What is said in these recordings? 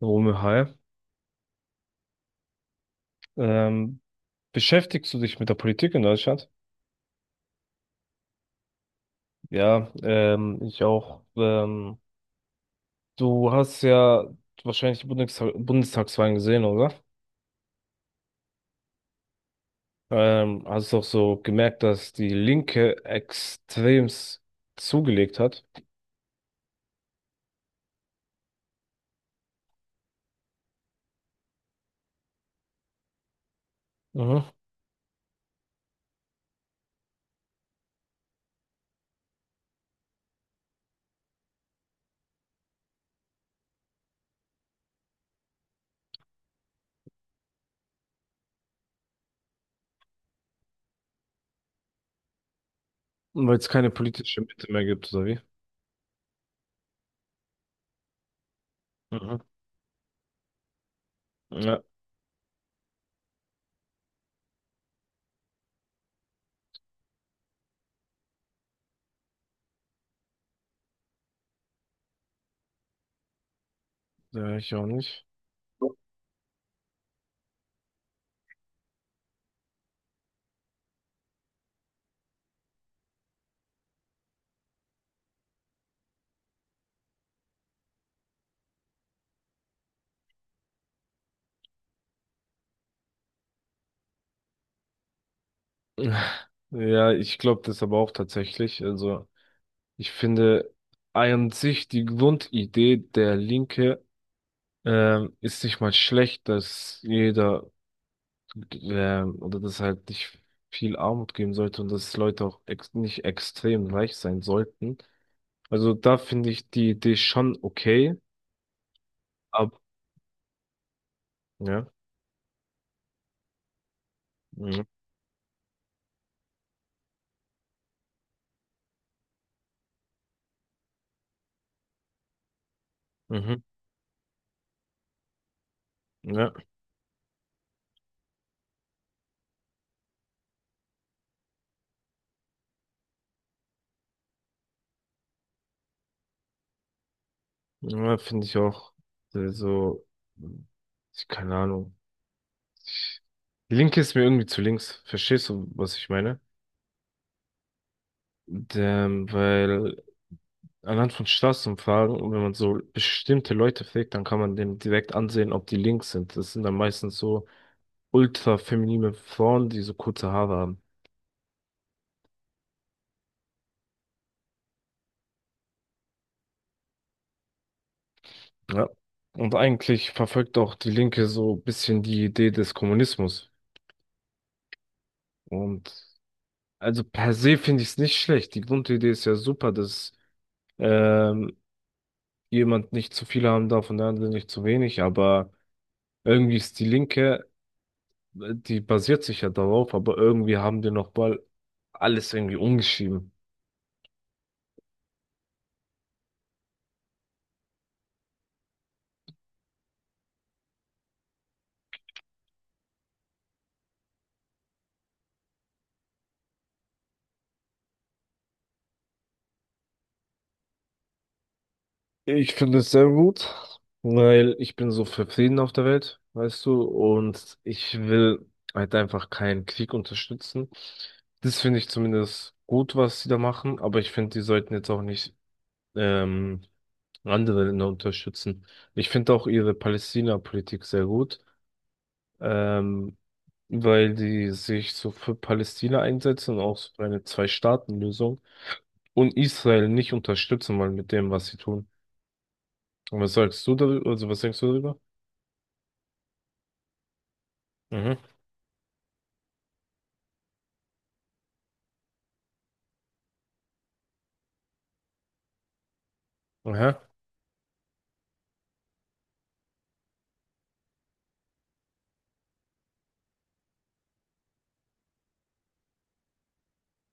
Romeo, hi. Ähm, Beschäftigst du dich mit der Politik in Deutschland? Ja, ich auch. Du hast ja wahrscheinlich die Bundestagswahlen gesehen, oder? Hast du auch so gemerkt, dass die Linke extremst zugelegt hat. Mhm. Weil es keine politische Mitte mehr gibt, oder wie? Mhm. Ja, ja, ich auch nicht. Ja, ich glaube das aber auch tatsächlich. Also, ich finde an sich die Grundidee der Linke ist nicht mal schlecht, dass jeder oder dass halt nicht viel Armut geben sollte und dass Leute auch ex nicht extrem reich sein sollten. Also da finde ich die Idee schon okay, aber ja, mhm, mhm, ja, ja finde ich auch, so, mh, keine Ahnung. Die Linke ist mir irgendwie zu links, verstehst du, was ich meine? Und, weil anhand von Straßenumfragen, und wenn man so bestimmte Leute fragt, dann kann man denen direkt ansehen, ob die links sind. Das sind dann meistens so ultra-feminine Frauen, die so kurze Haare haben. Ja. Und eigentlich verfolgt auch die Linke so ein bisschen die Idee des Kommunismus. Und also per se finde ich es nicht schlecht. Die Grundidee ist ja super, dass ähm, jemand nicht zu viele haben darf und der andere nicht zu wenig. Aber irgendwie ist die Linke, die basiert sich ja darauf, aber irgendwie haben die nochmal alles irgendwie umgeschrieben. Ich finde es sehr gut, weil ich bin so für Frieden auf der Welt, weißt du, und ich will halt einfach keinen Krieg unterstützen. Das finde ich zumindest gut, was sie da machen, aber ich finde, die sollten jetzt auch nicht ähm, andere Länder unterstützen. Ich finde auch ihre Palästina-Politik sehr gut. Ähm, weil die sich so für Palästina einsetzen und auch so für eine Zwei-Staaten-Lösung und Israel nicht unterstützen wollen mit dem, was sie tun. Und was sagst du darüber? Also was denkst du darüber? Mhm. Aha.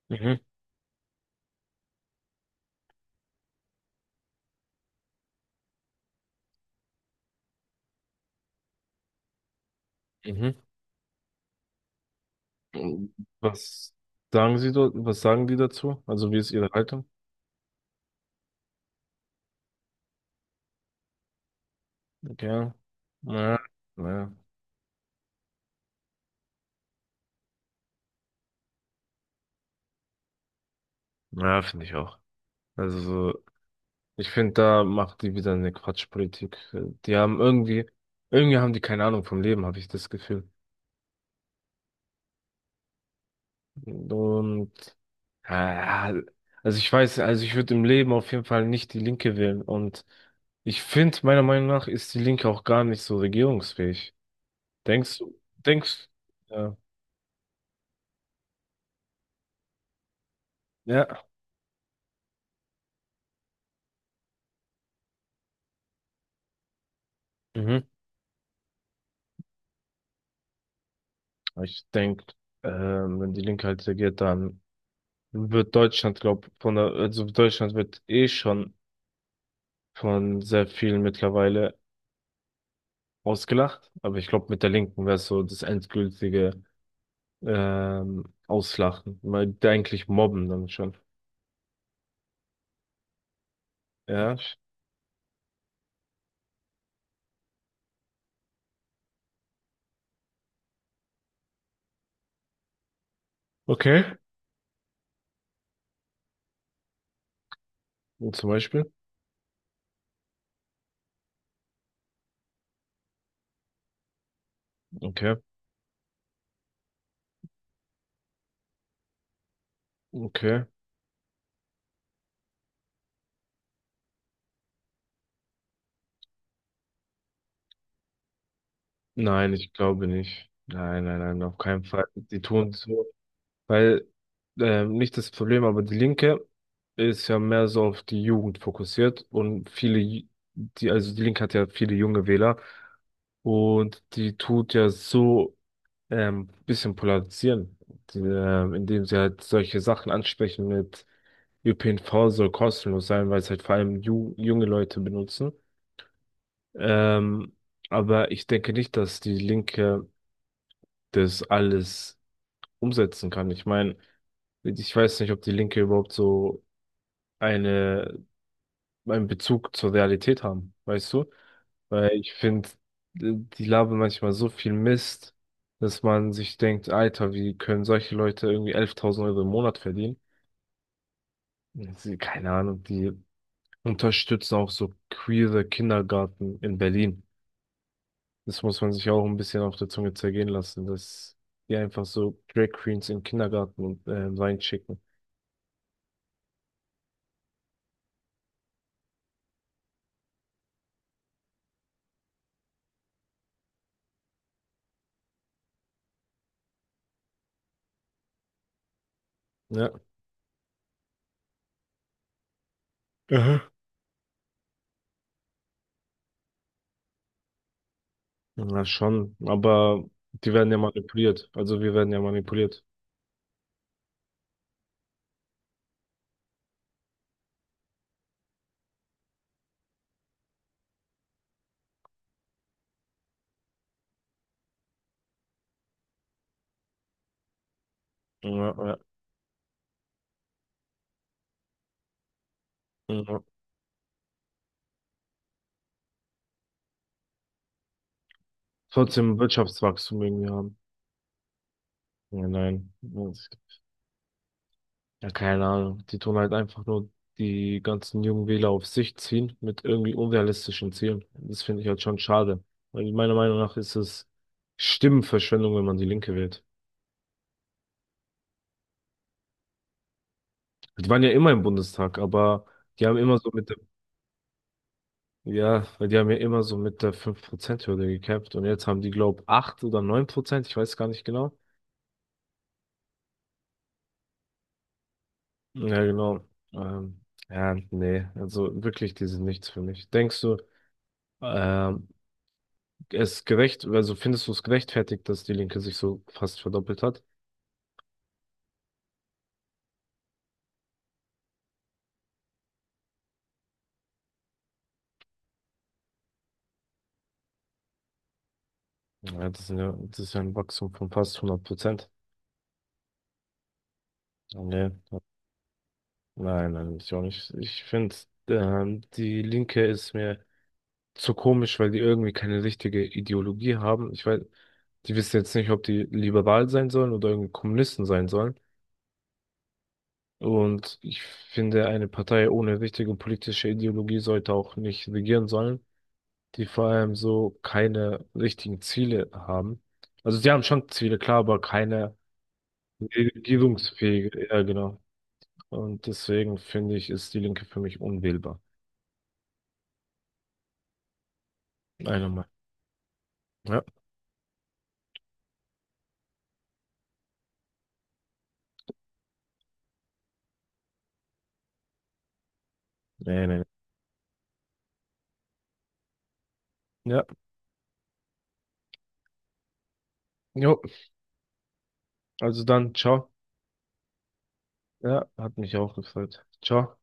Mhm. Mhm. Und was sagen sie dort? Was sagen die dazu? Also wie ist ihre Haltung? Ja. Ja. Ja, ja finde ich auch. Also so, ich finde, da macht die wieder eine Quatschpolitik. Die haben irgendwie, haben die keine Ahnung vom Leben, habe ich das Gefühl. Und ja, also ich weiß, also ich würde im Leben auf jeden Fall nicht die Linke wählen. Und ich finde, meiner Meinung nach ist die Linke auch gar nicht so regierungsfähig. Denkst du? Denkst. Ja. Ja. Mhm. Ich denke, wenn die Linke halt regiert, dann wird Deutschland, glaub, von der, also Deutschland wird eh schon von sehr vielen mittlerweile ausgelacht. Aber ich glaube, mit der Linken wäre so das endgültige Auslachen. Mal eigentlich mobben dann schon. Ja. Okay. Zum Beispiel. Okay. Okay. Nein, ich glaube nicht. Nein, nein, nein, auf keinen Fall. Die tun so, weil nicht das Problem, aber die Linke ist ja mehr so auf die Jugend fokussiert und viele, die, also die Linke hat ja viele junge Wähler und die tut ja so bisschen polarisieren, die, indem sie halt solche Sachen ansprechen mit ÖPNV soll kostenlos sein, weil es halt vor allem ju junge Leute benutzen. Ähm, aber ich denke nicht, dass die Linke das alles umsetzen kann. Ich meine, ich weiß nicht, ob die Linke überhaupt so eine, einen Bezug zur Realität haben, weißt du? Weil ich finde, die labern manchmal so viel Mist, dass man sich denkt, Alter, wie können solche Leute irgendwie 11.000 Euro im Monat verdienen? Sie, keine Ahnung, die unterstützen auch so queere Kindergarten in Berlin. Das muss man sich auch ein bisschen auf der Zunge zergehen lassen, dass die einfach so Drag Queens in den Kindergarten und, reinschicken. Ja, aha, ja, schon. Aber die werden ja manipuliert. Also wir werden ja manipuliert. Ja, ja, ja. Trotzdem Wirtschaftswachstum irgendwie haben. Ja, nein. Ja, keine Ahnung. Die tun halt einfach nur die ganzen jungen Wähler auf sich ziehen mit irgendwie unrealistischen Zielen. Das finde ich halt schon schade. Weil meiner Meinung nach ist es Stimmenverschwendung, wenn man die Linke wählt. Die waren ja immer im Bundestag, aber die haben immer so mit der, ja, weil die haben ja immer so mit der 5%-Hürde gekämpft und jetzt haben die, glaube ich, 8 oder 9 Prozent, ich weiß gar nicht genau. Hm. Ja, genau. Ähm, ja, nee, also wirklich, die sind nichts für mich. Denkst du, ähm, es gerecht, also findest du es gerechtfertigt, dass die Linke sich so fast verdoppelt hat? Ja, das sind ja, das ist ja ein Wachstum von fast 100%. Nee, nein, nein, ich auch nicht. Ich finde, die Linke ist mir so komisch, weil die irgendwie keine richtige Ideologie haben. Ich weiß, die wissen jetzt nicht, ob die liberal sein sollen oder irgendwie Kommunisten sein sollen. Und ich finde, eine Partei ohne richtige politische Ideologie sollte auch nicht regieren sollen, die vor allem so keine richtigen Ziele haben. Also sie haben schon Ziele, klar, aber keine regierungsfähige, ja genau. Und deswegen finde ich, ist die Linke für mich unwählbar. Einer Meinung. Ja, nee, nee, nee. Ja, jo, also dann, ciao. Ja, hat mich auch gefreut. Ciao.